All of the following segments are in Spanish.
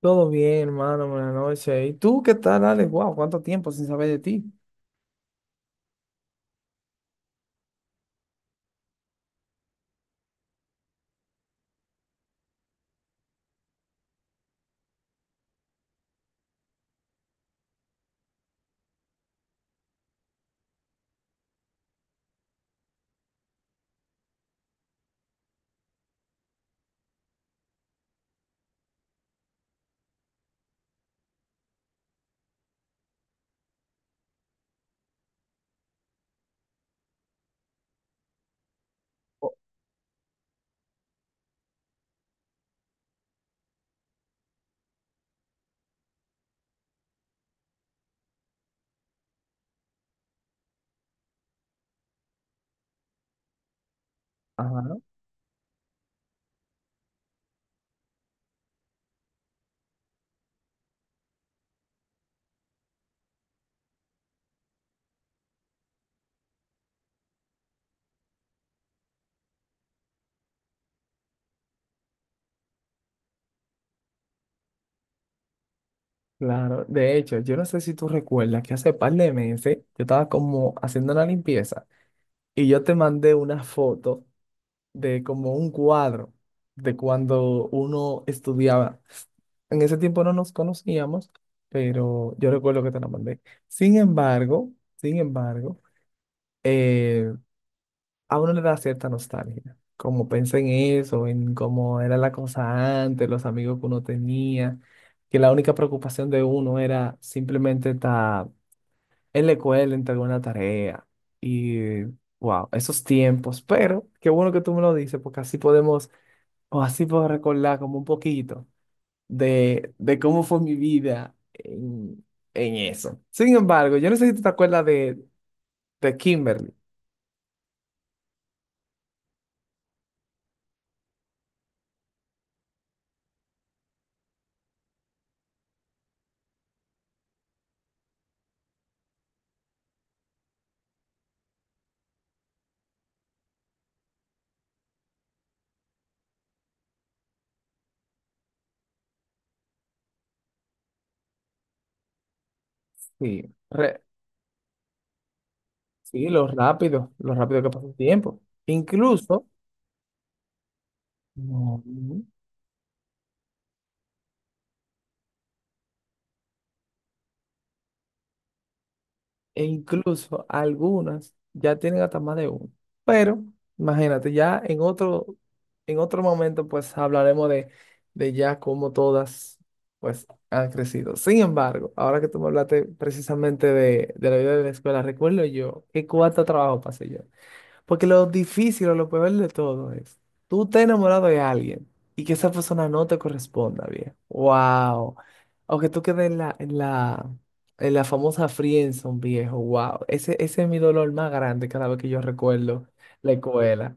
Todo bien, hermano, buenas noches. ¿Y tú qué tal, Alex? Wow, ¿cuánto tiempo sin saber de ti? Ajá, claro. De hecho, yo no sé si tú recuerdas que hace par de meses yo estaba como haciendo la limpieza y yo te mandé una foto de como un cuadro de cuando uno estudiaba. En ese tiempo no nos conocíamos, pero yo recuerdo que te la mandé. Sin embargo, sin embargo, eh, a uno le da cierta nostalgia. Como pensé en eso, en cómo era la cosa antes, los amigos que uno tenía, que la única preocupación de uno era simplemente estar en la escuela, entregar una tarea. Y wow, esos tiempos. Pero qué bueno que tú me lo dices, porque así podemos, o así puedo recordar como un poquito de cómo fue mi vida en eso. Sin embargo, yo no sé si tú te acuerdas de Kimberly. Sí. Re- Sí, lo rápido que pasa el tiempo. Incluso, no, e incluso algunas ya tienen hasta más de uno. Pero, imagínate, ya en otro momento, pues hablaremos de ya cómo todas, pues, han crecido. Sin embargo, ahora que tú me hablaste precisamente de la vida de la escuela, recuerdo yo qué cuánto trabajo pasé yo. Porque lo difícil o lo peor de todo es, tú estás enamorado de alguien y que esa persona no te corresponda bien. ¡Wow! O que tú quedes en en la famosa friendzone, viejo. ¡Wow! Ese es mi dolor más grande cada vez que yo recuerdo la escuela.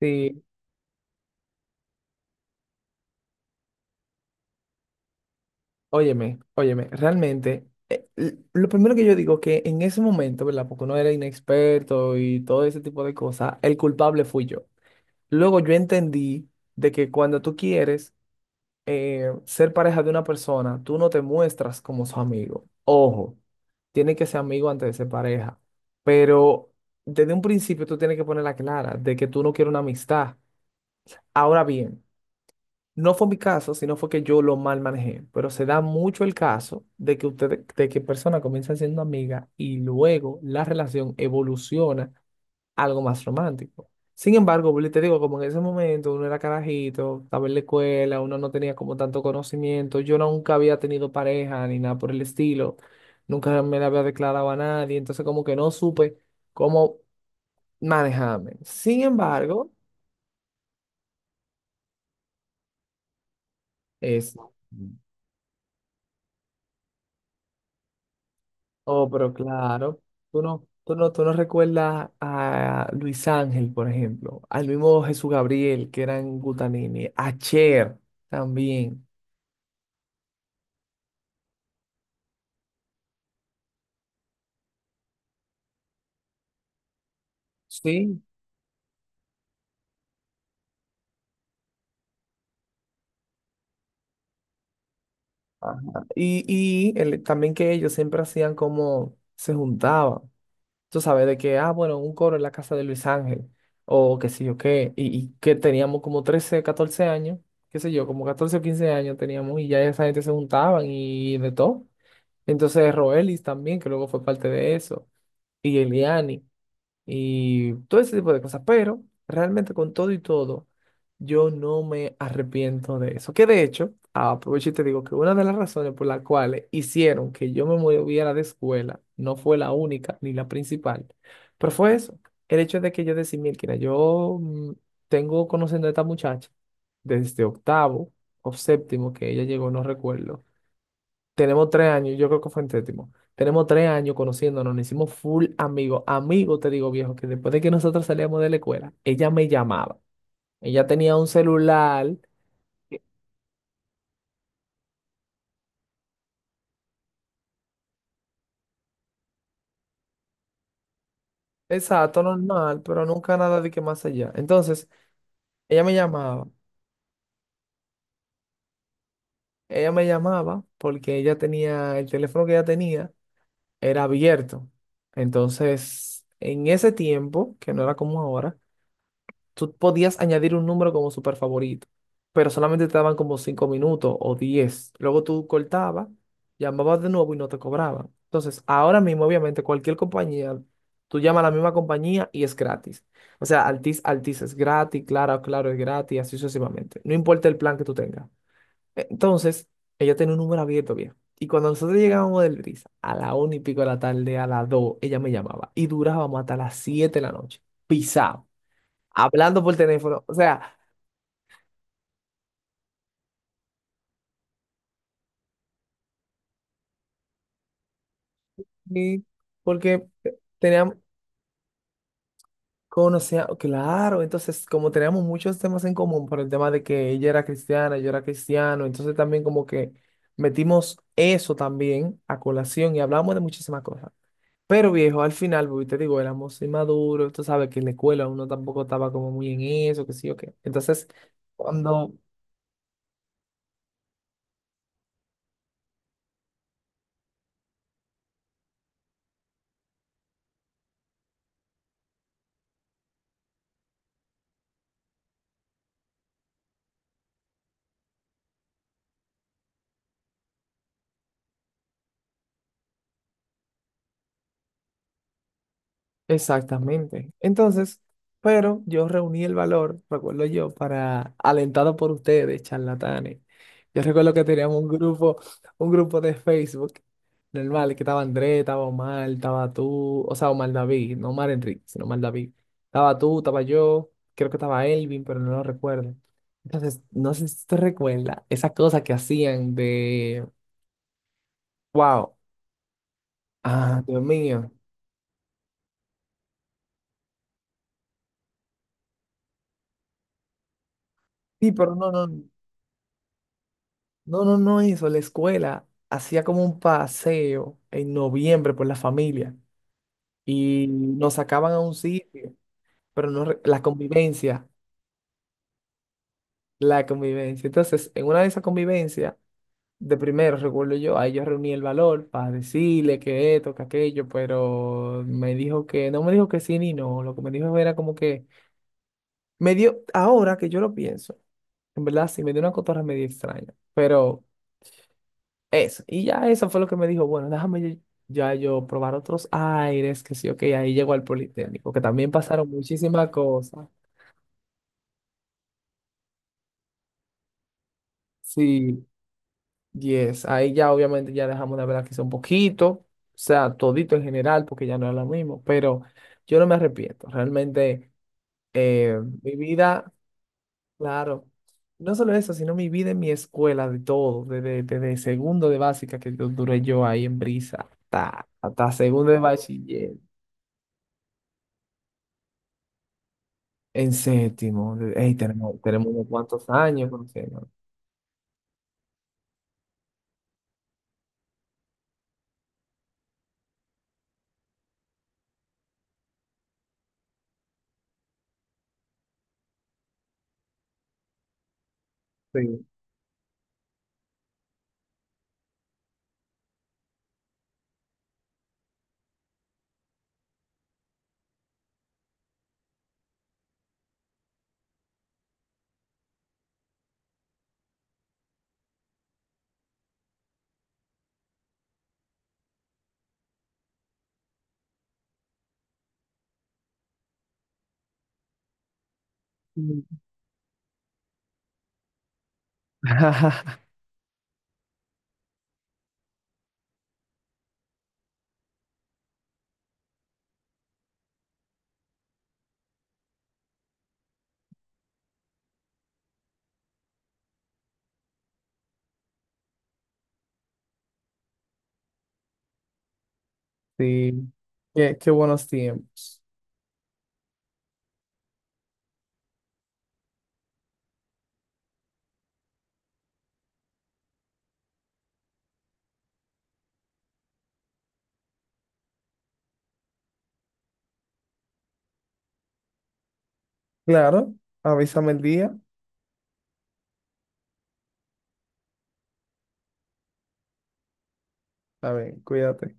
Sí, óyeme, realmente, lo primero que yo digo que en ese momento, ¿verdad? Porque uno era inexperto y todo ese tipo de cosas, el culpable fui yo. Luego yo entendí de que cuando tú quieres ser pareja de una persona, tú no te muestras como su amigo. Ojo, tiene que ser amigo antes de ser pareja. Pero desde un principio tú tienes que ponerla clara de que tú no quieres una amistad. Ahora bien, no fue mi caso, sino fue que yo lo mal manejé. Pero se da mucho el caso de que ustedes, de que personas comienzan siendo amigas y luego la relación evoluciona algo más romántico. Sin embargo, vuelvo y te digo, como en ese momento uno era carajito, estaba en la escuela, uno no tenía como tanto conocimiento, yo nunca había tenido pareja ni nada por el estilo, nunca me la había declarado a nadie, entonces como que no supe cómo manejarme. Sin embargo, es, oh, pero claro, tú no, tú no recuerdas a Luis Ángel, por ejemplo, al mismo Jesús Gabriel, que era en Gutanini, a Cher también. Sí, ajá. Y también que ellos siempre hacían como se juntaban. Tú sabes, de que, ah, bueno, un coro en la casa de Luis Ángel, o qué sé yo qué, y que teníamos como 13 14 años, qué sé yo, como 14 o 15 años teníamos, y ya esa gente se juntaban y de todo. Entonces, Roelis también, que luego fue parte de eso, y Eliani y todo ese tipo de cosas. Pero realmente con todo y todo, yo no me arrepiento de eso. Que de hecho, aprovecho y te digo que una de las razones por las cuales hicieron que yo me moviera de escuela no fue la única ni la principal, pero fue eso, el hecho de que yo decía, mira, yo tengo conociendo a esta muchacha desde octavo o séptimo que ella llegó, no recuerdo. Tenemos tres años, yo creo que fue en séptimo. Tenemos tres años conociéndonos, nos hicimos full amigos. Amigo te digo, viejo, que después de que nosotros salíamos de la escuela, ella me llamaba. Ella tenía un celular, exacto, normal, pero nunca nada de que más allá. Entonces, ella me llamaba. Ella me llamaba porque ella tenía, el teléfono que ella tenía era abierto. Entonces, en ese tiempo, que no era como ahora, tú podías añadir un número como super favorito, pero solamente te daban como 5 minutos o 10. Luego tú cortabas, llamabas de nuevo y no te cobraban. Entonces, ahora mismo, obviamente, cualquier compañía, tú llamas a la misma compañía y es gratis. O sea, Altis es gratis, Claro es gratis, así sucesivamente. No importa el plan que tú tengas. E, entonces, ella tenía un número abierto, bien. Y cuando nosotros llegábamos del Brisa, a la una y pico de la tarde, a las 2, ella me llamaba. Y durábamos hasta las 7 de la noche. Pisado hablando por teléfono. O sea, y porque teníamos, conocía, claro, entonces como teníamos muchos temas en común por el tema de que ella era cristiana, yo era cristiano, entonces también como que metimos eso también a colación y hablamos de muchísimas cosas. Pero viejo, al final, porque te digo, éramos inmaduros, tú sabes que en la escuela uno tampoco estaba como muy en eso, que sí o qué. Entonces, cuando exactamente. Entonces, pero yo reuní el valor, recuerdo yo, para, alentado por ustedes, charlatanes. Yo recuerdo que teníamos un grupo de Facebook, normal, que estaba André, estaba Omar, estaba tú, o sea, Omar David, no Omar Enrique, sino Omar David. Estaba tú, estaba yo, creo que estaba Elvin, pero no lo recuerdo. Entonces, no sé si te recuerdas esa cosa que hacían de, wow, ah, Dios mío. Sí, pero no, no. No, no, no eso. La escuela hacía como un paseo en noviembre por la familia y nos sacaban a un sitio, pero no la convivencia, la convivencia. Entonces, en una de esas convivencias, de primero, recuerdo yo, ahí yo reuní el valor para decirle que esto, que aquello, pero me dijo que, no me dijo que sí ni no, lo que me dijo era como que, me dio, ahora que yo lo pienso, en verdad sí, me dio una cotorra medio extraña, pero... Eso. Y ya eso fue lo que me dijo, bueno, déjame ya yo probar otros aires, que sí, ok, ahí llegó al Politécnico, que también pasaron muchísimas cosas. Sí, yes, ahí ya obviamente ya dejamos de hablar quizá un poquito, o sea, todito en general, porque ya no es lo mismo, pero yo no me arrepiento, realmente mi vida, claro, no solo eso, sino mi vida en mi escuela, de todo, desde segundo de básica que yo duré yo ahí en Brisa, hasta segundo de bachiller. En séptimo, ey, tenemos unos cuantos años conociendo. Sí. Mm. Sí. Qué buenos tiempos. Claro, avísame el día. A ver, cuídate.